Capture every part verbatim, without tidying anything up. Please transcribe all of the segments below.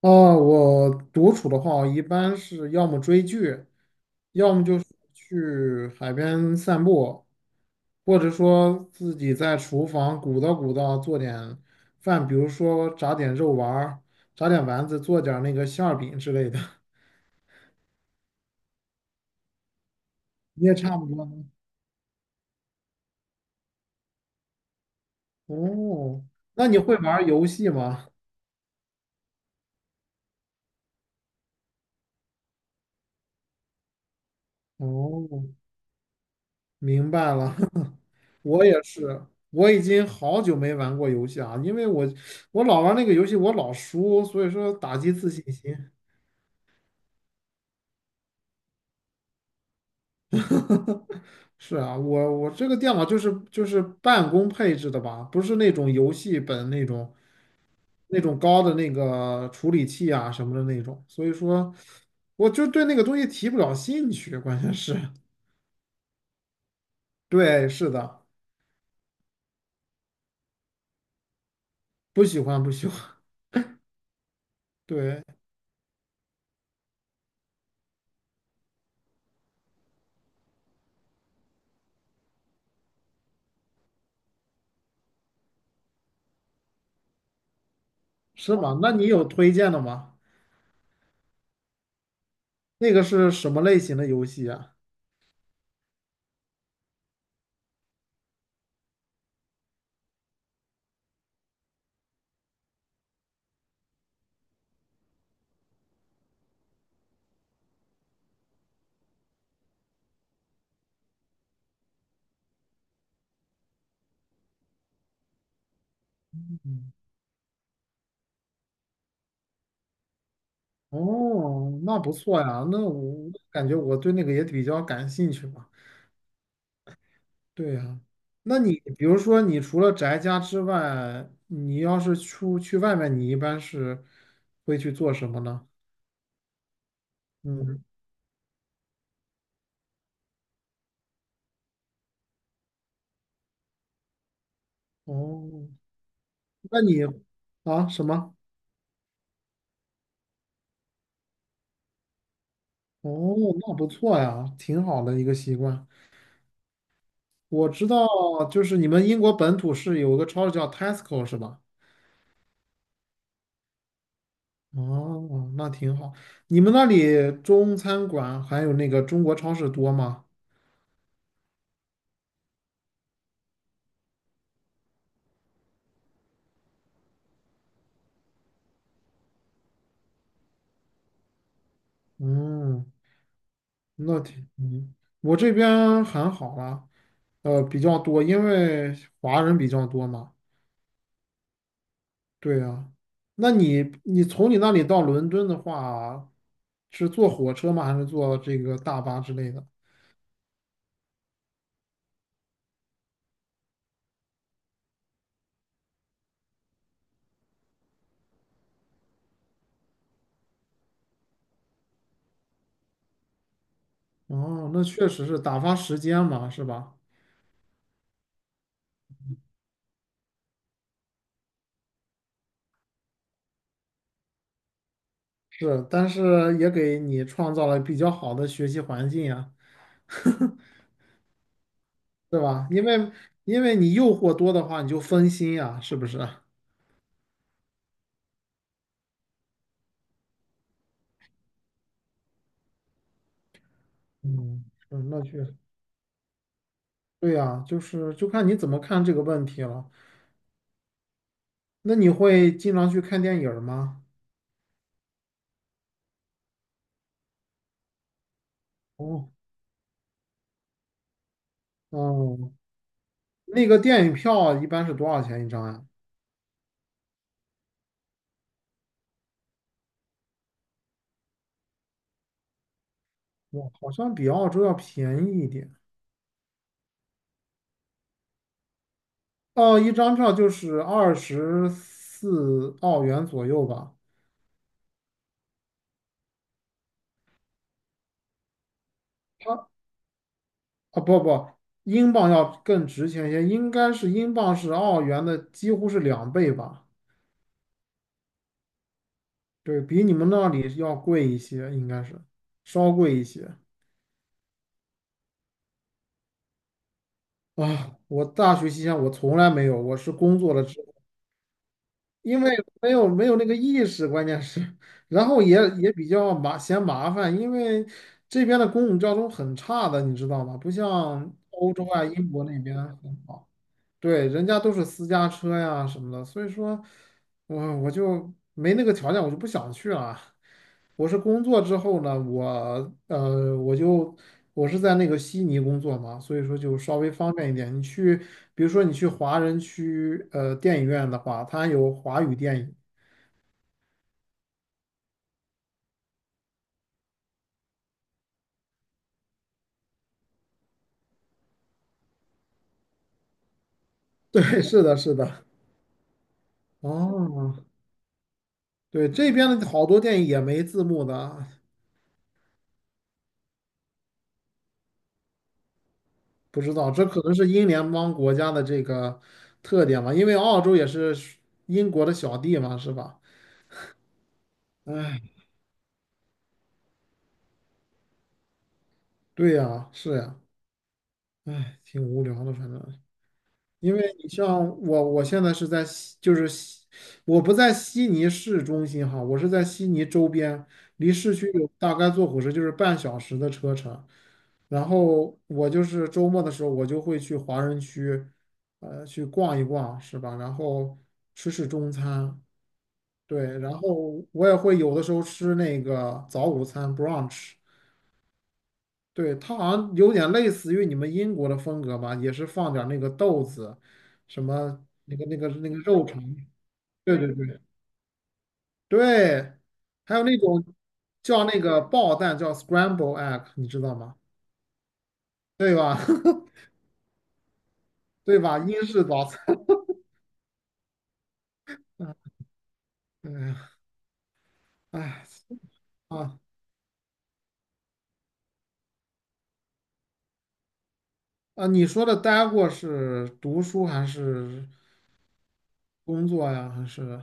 哦，我独处的话，我一般是要么追剧，要么就是去海边散步，或者说自己在厨房鼓捣鼓捣做点饭，比如说炸点肉丸儿，炸点丸子，做点儿那个馅儿饼之类的，你也差不多呢。哦，那你会玩儿游戏吗？哦，明白了，我也是，我已经好久没玩过游戏啊，因为我我老玩那个游戏，我老输，所以说打击自信心。是啊，我我这个电脑就是就是办公配置的吧，不是那种游戏本，那种那种高的那个处理器啊什么的那种，所以说我就对那个东西提不了兴趣，关键是。对，是的，不喜欢不喜欢，对，是吗？那你有推荐的吗？那个是什么类型的游戏啊？哦，那不错呀，那我感觉我对那个也比较感兴趣吧。对呀，那你比如说，你除了宅家之外，你要是出去外面，你一般是会去做什么呢？嗯，哦，那你啊什么？哦，那不错呀，挺好的一个习惯。我知道，就是你们英国本土是有个超市叫 Tesco 是吧？哦，那挺好。你们那里中餐馆还有那个中国超市多吗？嗯，那挺，嗯，我这边还好啦，呃，比较多，因为华人比较多嘛。对呀，那你你从你那里到伦敦的话，是坐火车吗？还是坐这个大巴之类的？哦，那确实是打发时间嘛，是吧？是，但是也给你创造了比较好的学习环境呀，是吧？因为因为你诱惑多的话，你就分心呀，是不是？嗯，是，那确实。对呀，就是就看你怎么看这个问题了。那你会经常去看电影儿吗？哦。哦，那个电影票一般是多少钱一张呀？我好像比澳洲要便宜一点。哦，一张票就是二十四澳元左右吧。它啊不不，英镑要更值钱一些，应该是英镑是澳元的几乎是两倍吧？对，比你们那里要贵一些，应该是稍贵一些。啊，我大学期间我从来没有，我是工作了之后，因为没有没有那个意识，关键是，然后也也比较麻嫌麻烦，因为这边的公共交通很差的，你知道吗？不像欧洲啊、英国那边很好。对，人家都是私家车呀什么的，所以说我我就没那个条件，我就不想去了。我是工作之后呢，我呃，我就我是在那个悉尼工作嘛，所以说就稍微方便一点。你去，比如说你去华人区呃电影院的话，它有华语电影。对，是的，是的。哦，对，这边的好多电影也没字幕的，不知道，这可能是英联邦国家的这个特点吧，因为澳洲也是英国的小弟嘛，是吧？哎，对呀，是呀，哎，挺无聊的，反正，因为你像我，我现在是在悉，就是悉，我不在悉尼市中心哈，我是在悉尼周边，离市区有大概坐火车就是半小时的车程，然后我就是周末的时候，我就会去华人区，呃，去逛一逛，是吧？然后吃吃中餐。对，然后我也会有的时候吃那个早午餐 brunch,对，它好像有点类似于你们英国的风格吧，也是放点儿那个豆子，什么那个那个那个肉肠，对对对，对，还有那种叫那个爆蛋叫 scramble egg,你知道吗？对吧？对吧？英式早餐，嗯哎呀，哎，啊啊！你说的待过是读书还是工作呀？还是？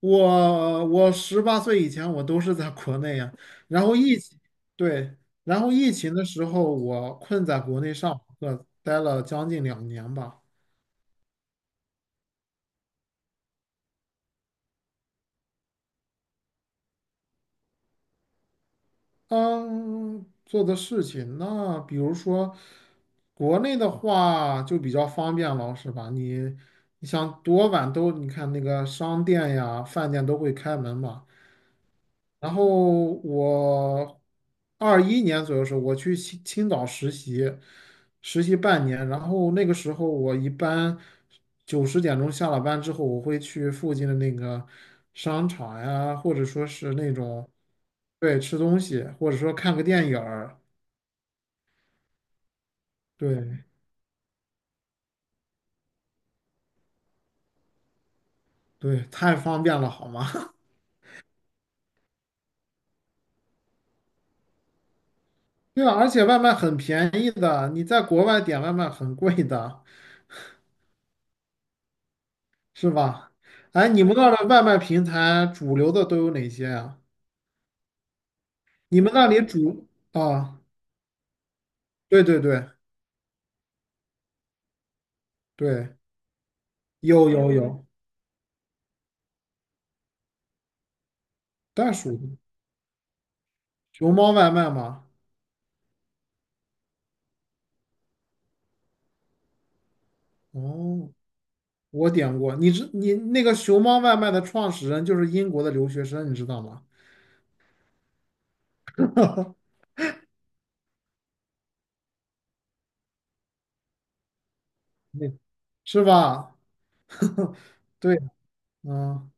我我十八岁以前我都是在国内呀，然后疫情，对，然后疫情的时候我困在国内上课，待了将近两年吧。嗯，做的事情，那比如说国内的话就比较方便了，是吧？你你想多晚都，你看那个商店呀、饭店都会开门嘛，然后我二一年左右的时候，我去青青岛实习，实习半年。然后那个时候，我一般九十点钟下了班之后，我会去附近的那个商场呀，或者说是那种，对，吃东西，或者说看个电影儿。对对，太方便了，好吗？对啊，而且外卖很便宜的，你在国外点外卖很贵的，是吧？哎，你们那儿的外卖平台主流的都有哪些呀、你们那里煮啊？对对对对，有有有，袋鼠。熊猫外卖吗？哦，我点过。你知你那个熊猫外卖的创始人就是英国的留学生，你知道吗？那是吧？对，嗯，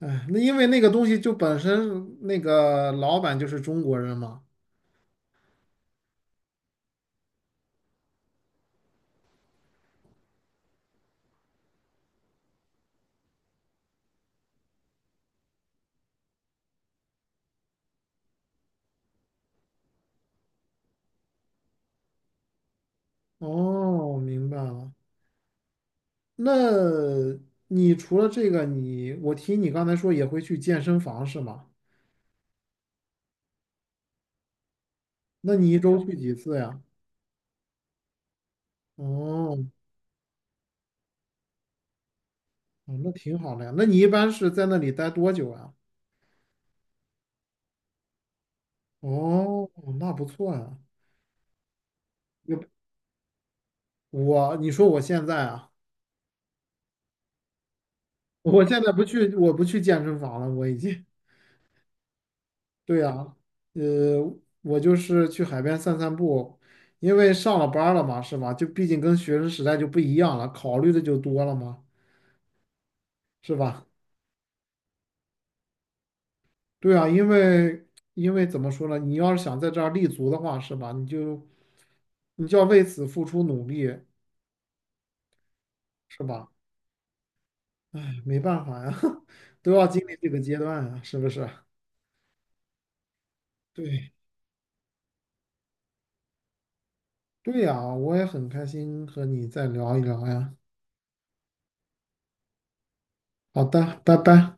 哎，那因为那个东西就本身那个老板就是中国人嘛。哦，明白了。那你除了这个，你我听你刚才说也会去健身房是吗？那你一周去几次呀？哦。哦那挺好的呀。那你一般是在那里待多久啊？哦，那不错呀。我我，你说我现在啊，我现在不去，我不去健身房了，我已经。对呀，呃，我就是去海边散散步，因为上了班儿了嘛，是吧？就毕竟跟学生时代就不一样了，考虑的就多了嘛，是吧？对啊，因为因为怎么说呢，你要是想在这儿立足的话，是吧？你就你就要为此付出努力，是吧？哎，没办法呀，都要经历这个阶段啊，是不是？对，对呀，我也很开心和你再聊一聊呀。好的，拜拜。